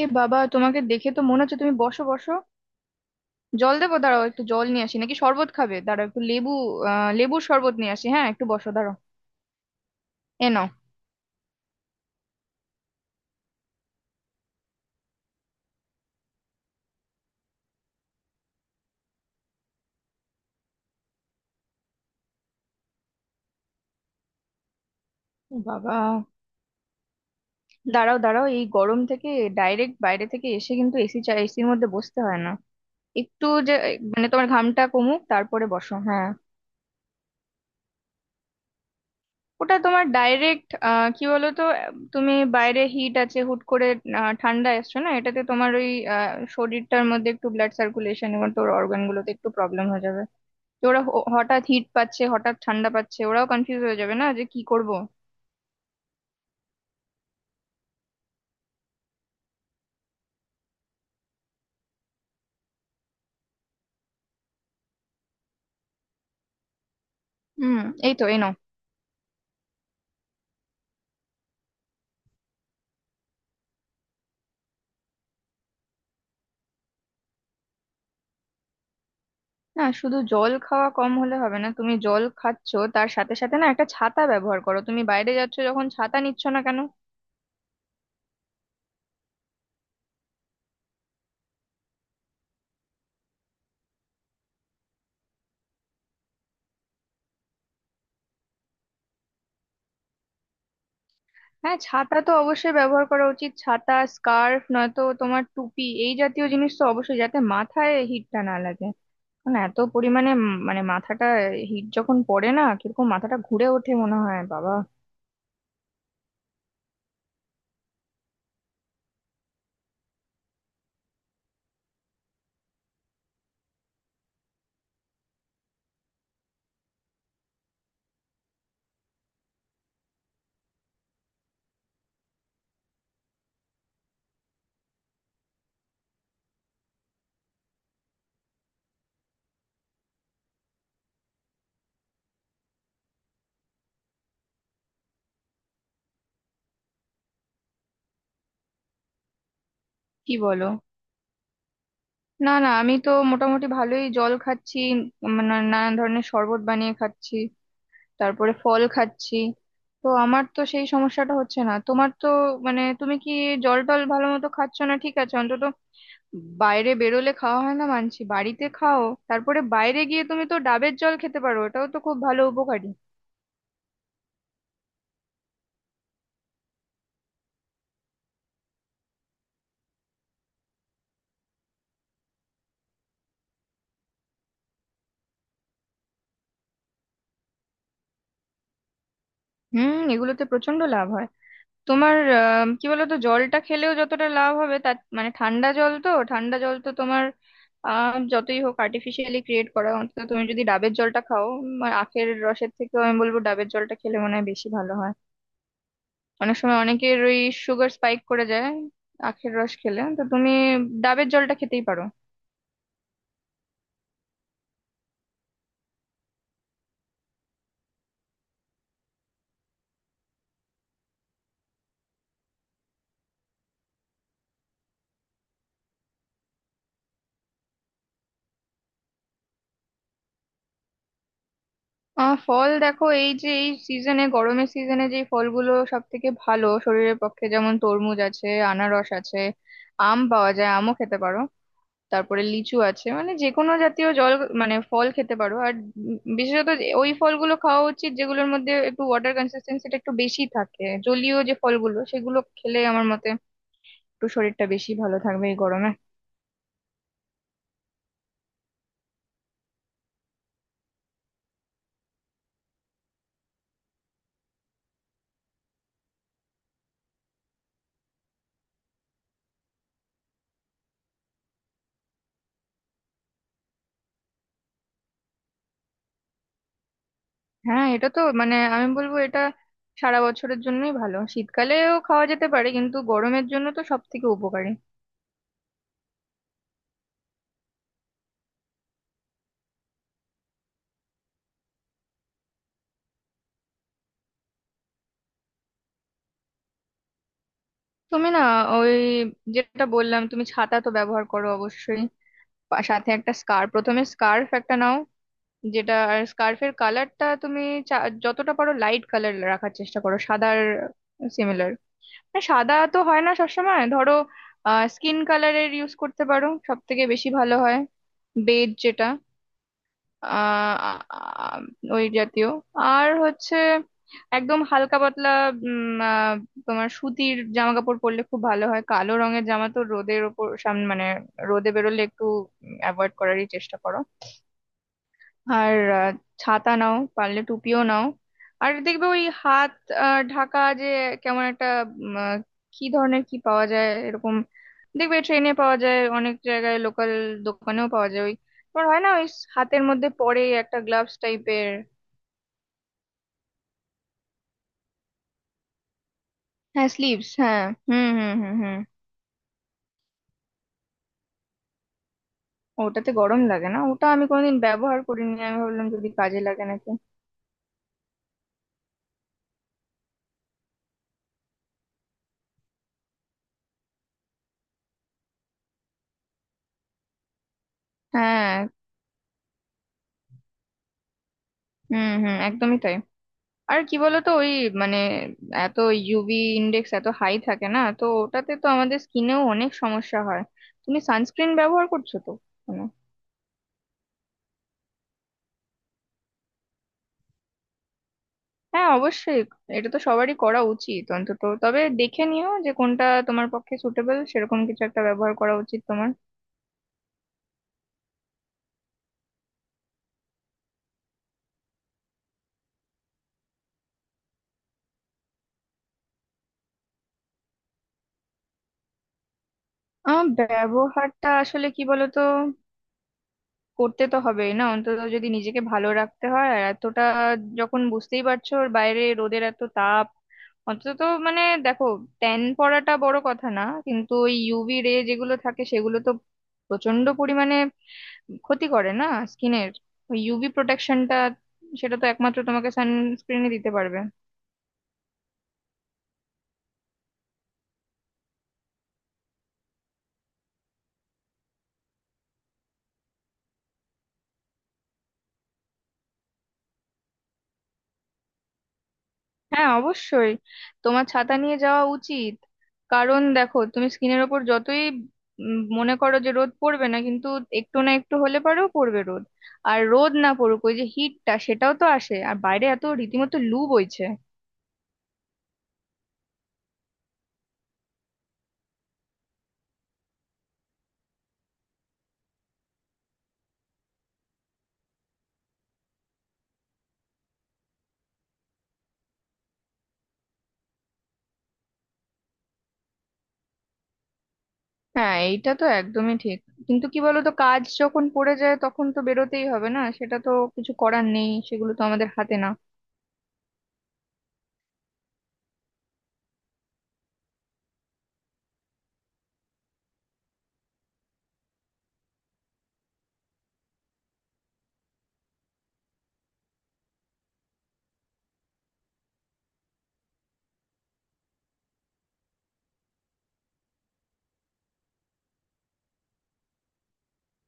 এ বাবা, তোমাকে দেখে তো মনে হচ্ছে তুমি বসো বসো। জল দেবো, দাঁড়াও একটু জল নিয়ে আসি, নাকি শরবত খাবে? দাঁড়াও একটু লেবু, লেবুর শরবত নিয়ে আসি। হ্যাঁ একটু বসো, দাঁড়াও। এ নাও। ও বাবা, দাঁড়াও দাঁড়াও এই গরম থেকে ডাইরেক্ট বাইরে থেকে এসে কিন্তু এসির মধ্যে বসতে হয় না। একটু যে মানে তোমার ঘামটা কমুক তারপরে বসো, হ্যাঁ। ওটা তোমার ডাইরেক্ট কি বলো তো, তুমি বাইরে হিট আছে, হুট করে ঠান্ডা এসছো না, এটাতে তোমার ওই শরীরটার মধ্যে একটু ব্লাড সার্কুলেশন এবং তোর অর্গানগুলোতে একটু প্রবলেম হয়ে যাবে। যে ওরা হঠাৎ হিট পাচ্ছে, হঠাৎ ঠান্ডা পাচ্ছে, ওরাও কনফিউজ হয়ে যাবে না, যে কি করব। হুম, এই তো এই নাও। না, শুধু জল খাওয়া কম হলে হবে না। তুমি জল খাচ্ছো তার সাথে সাথে না একটা ছাতা ব্যবহার করো। তুমি বাইরে যাচ্ছ যখন, ছাতা নিচ্ছ না কেন? হ্যাঁ, ছাতা তো অবশ্যই ব্যবহার করা উচিত। ছাতা, স্কার্ফ, নয়তো তোমার টুপি, এই জাতীয় জিনিস তো অবশ্যই, যাতে মাথায় হিটটা না লাগে। কারণ এত পরিমাণে মানে মাথাটা, হিট যখন পড়ে না, কিরকম মাথাটা ঘুরে ওঠে, মনে হয় বাবা। কি বলো, না না, আমি তো মোটামুটি ভালোই জল খাচ্ছি। নানান ধরনের শরবত বানিয়ে খাচ্ছি, তারপরে ফল খাচ্ছি। তো আমার তো সেই সমস্যাটা হচ্ছে না, তোমার তো মানে তুমি কি জল টল ভালো মতো খাচ্ছ না? ঠিক আছে, অন্তত বাইরে বেরোলে খাওয়া হয় না মানছি, বাড়িতে খাও। তারপরে বাইরে গিয়ে তুমি তো ডাবের জল খেতে পারো, এটাও তো খুব ভালো, উপকারী। হুম, এগুলোতে প্রচন্ড লাভ হয়। তোমার কি বলতো, জলটা খেলেও যতটা লাভ হবে, তার মানে ঠান্ডা জল তো তোমার যতই হোক আর্টিফিশিয়ালি ক্রিয়েট করা। অন্তত তুমি যদি ডাবের জলটা খাও, আর আখের রসের থেকেও আমি বলবো ডাবের জলটা খেলে মনে হয় বেশি ভালো হয়। অনেক সময় অনেকের ওই সুগার স্পাইক করে যায় আখের রস খেলে, তো তুমি ডাবের জলটা খেতেই পারো। ফল দেখো, এই যে এই সিজনে, গরমের সিজনে, যে ফলগুলো সব থেকে ভালো শরীরের পক্ষে, যেমন তরমুজ আছে, আনারস আছে, আম পাওয়া যায়, আমও খেতে পারো, তারপরে লিচু আছে। মানে যে কোনো জাতীয় জল, মানে ফল খেতে পারো। আর বিশেষত ওই ফলগুলো খাওয়া উচিত যেগুলোর মধ্যে একটু ওয়াটার কনসিস্টেন্সিটা একটু বেশি থাকে, জলীয় যে ফলগুলো, সেগুলো খেলে আমার মতে একটু শরীরটা বেশি ভালো থাকবে এই গরমে। হ্যাঁ, এটা তো মানে আমি বলবো এটা সারা বছরের জন্যই ভালো, শীতকালেও খাওয়া যেতে পারে, কিন্তু গরমের জন্য তো সব থেকে উপকারী। তুমি না, ওই যেটা বললাম, তুমি ছাতা তো ব্যবহার করো অবশ্যই, সাথে একটা স্কার্ফ, প্রথমে স্কার্ফ একটা নাও, যেটা আর স্কার্ফের কালারটা তুমি চা- যতটা পারো লাইট কালার রাখার চেষ্টা করো, সাদার সিমিলার। সাদা তো হয় না সবসময়, ধরো স্কিন কালারের ইউজ করতে পারো, সব থেকে বেশি ভালো হয় বেজ, যেটা আহ, আ- আ- ওই জাতীয়। আর হচ্ছে, একদম হালকা পাতলা, উম, আহ, তোমার সুতির জামা কাপড় পরলে খুব ভালো হয়। কালো রঙের জামা তো রোদের ওপর সামনে মানে রোদে বেরোলে একটু অ্যাভয়েড করারই চেষ্টা করো। আর ছাতা নাও, পারলে টুপিও নাও। আর দেখবে ওই হাত ঢাকা, যে কেমন একটা উম, আহ, কি ধরনের কি পাওয়া যায় এরকম, দেখবে ট্রেনে পাওয়া যায়, অনেক জায়গায় লোকাল দোকানেও পাওয়া যায়, ওই তোমার হয় না ওই হাতের মধ্যে পরে একটা গ্লাভস টাইপের। হ্যাঁ স্লিভস, হ্যাঁ। হুম হুম হুম হুম ওটাতে গরম লাগে না, ওটা আমি কোনোদিন ব্যবহার করিনি, আমি ভাবলাম যদি কাজে লাগে নাকি। হ্যাঁ, হুম হুম একদমই তাই। আর কি বলতো ওই মানে এত ইউভি ইন্ডেক্স এত হাই থাকে না তো, ওটাতে তো আমাদের স্কিনেও অনেক সমস্যা হয়। তুমি সানস্ক্রিন ব্যবহার করছো তো মানে? হ্যাঁ অবশ্যই, এটা তো সবারই করা উচিত, অন্তত তবে দেখে নিও যে কোনটা তোমার পক্ষে সুটেবল, সেরকম কিছু একটা ব্যবহার করা উচিত তোমার। আমার ব্যবহারটা আসলে, কি বলতো, করতে তো হবেই না, অন্তত যদি নিজেকে ভালো রাখতে হয়। আর এতটা যখন বুঝতেই পারছো ওর বাইরে রোদের এত তাপ। অন্তত মানে দেখো, ট্যান পড়াটা বড় কথা না, কিন্তু ওই ইউভি রে যেগুলো থাকে সেগুলো তো প্রচন্ড পরিমাণে ক্ষতি করে না স্কিনের, ওই ইউভি প্রোটেকশনটা সেটা তো একমাত্র তোমাকে সানস্ক্রিনই দিতে পারবে। হ্যাঁ অবশ্যই, তোমার ছাতা নিয়ে যাওয়া উচিত। কারণ দেখো, তুমি স্কিনের ওপর যতই মনে করো যে রোদ পড়বে না, কিন্তু একটু না একটু হলে পরেও পড়বে রোদ। আর রোদ না পড়ুক, ওই যে হিটটা সেটাও তো আসে, আর বাইরে এত রীতিমতো লু বইছে। হ্যাঁ এইটা তো একদমই ঠিক, কিন্তু কি বলতো, কাজ যখন পড়ে যায় তখন তো বেরোতেই হবে না, সেটা তো কিছু করার নেই, সেগুলো তো আমাদের হাতে না।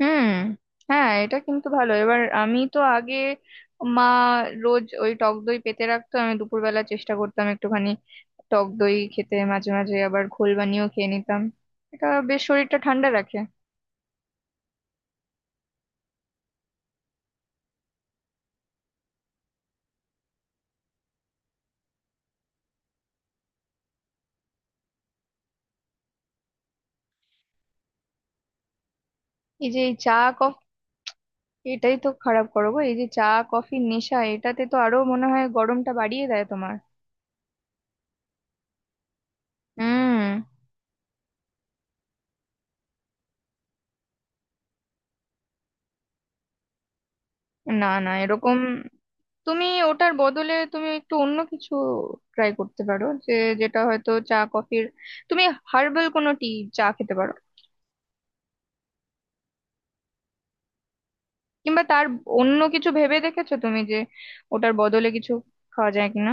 হুম, হ্যাঁ এটা কিন্তু ভালো। এবার আমি তো আগে মা রোজ ওই টক দই পেতে রাখতো, আমি দুপুরবেলা চেষ্টা করতাম একটুখানি টক দই খেতে, মাঝে মাঝে আবার ঘোল বানিয়েও খেয়ে নিতাম। এটা বেশ শরীরটা ঠান্ডা রাখে। এই যে এই চা, কফি, এটাই তো খারাপ করো গো, এই যে চা কফির নেশা, এটাতে তো আরো মনে হয় গরমটা বাড়িয়ে দেয় তোমার। হুম, না না এরকম, তুমি ওটার বদলে তুমি একটু অন্য কিছু ট্রাই করতে পারো, যে যেটা হয়তো চা কফির, তুমি হার্বাল কোনো টি, চা খেতে পারো। কিংবা তার অন্য কিছু ভেবে দেখেছো তুমি, যে ওটার বদলে কিছু খাওয়া যায় কিনা?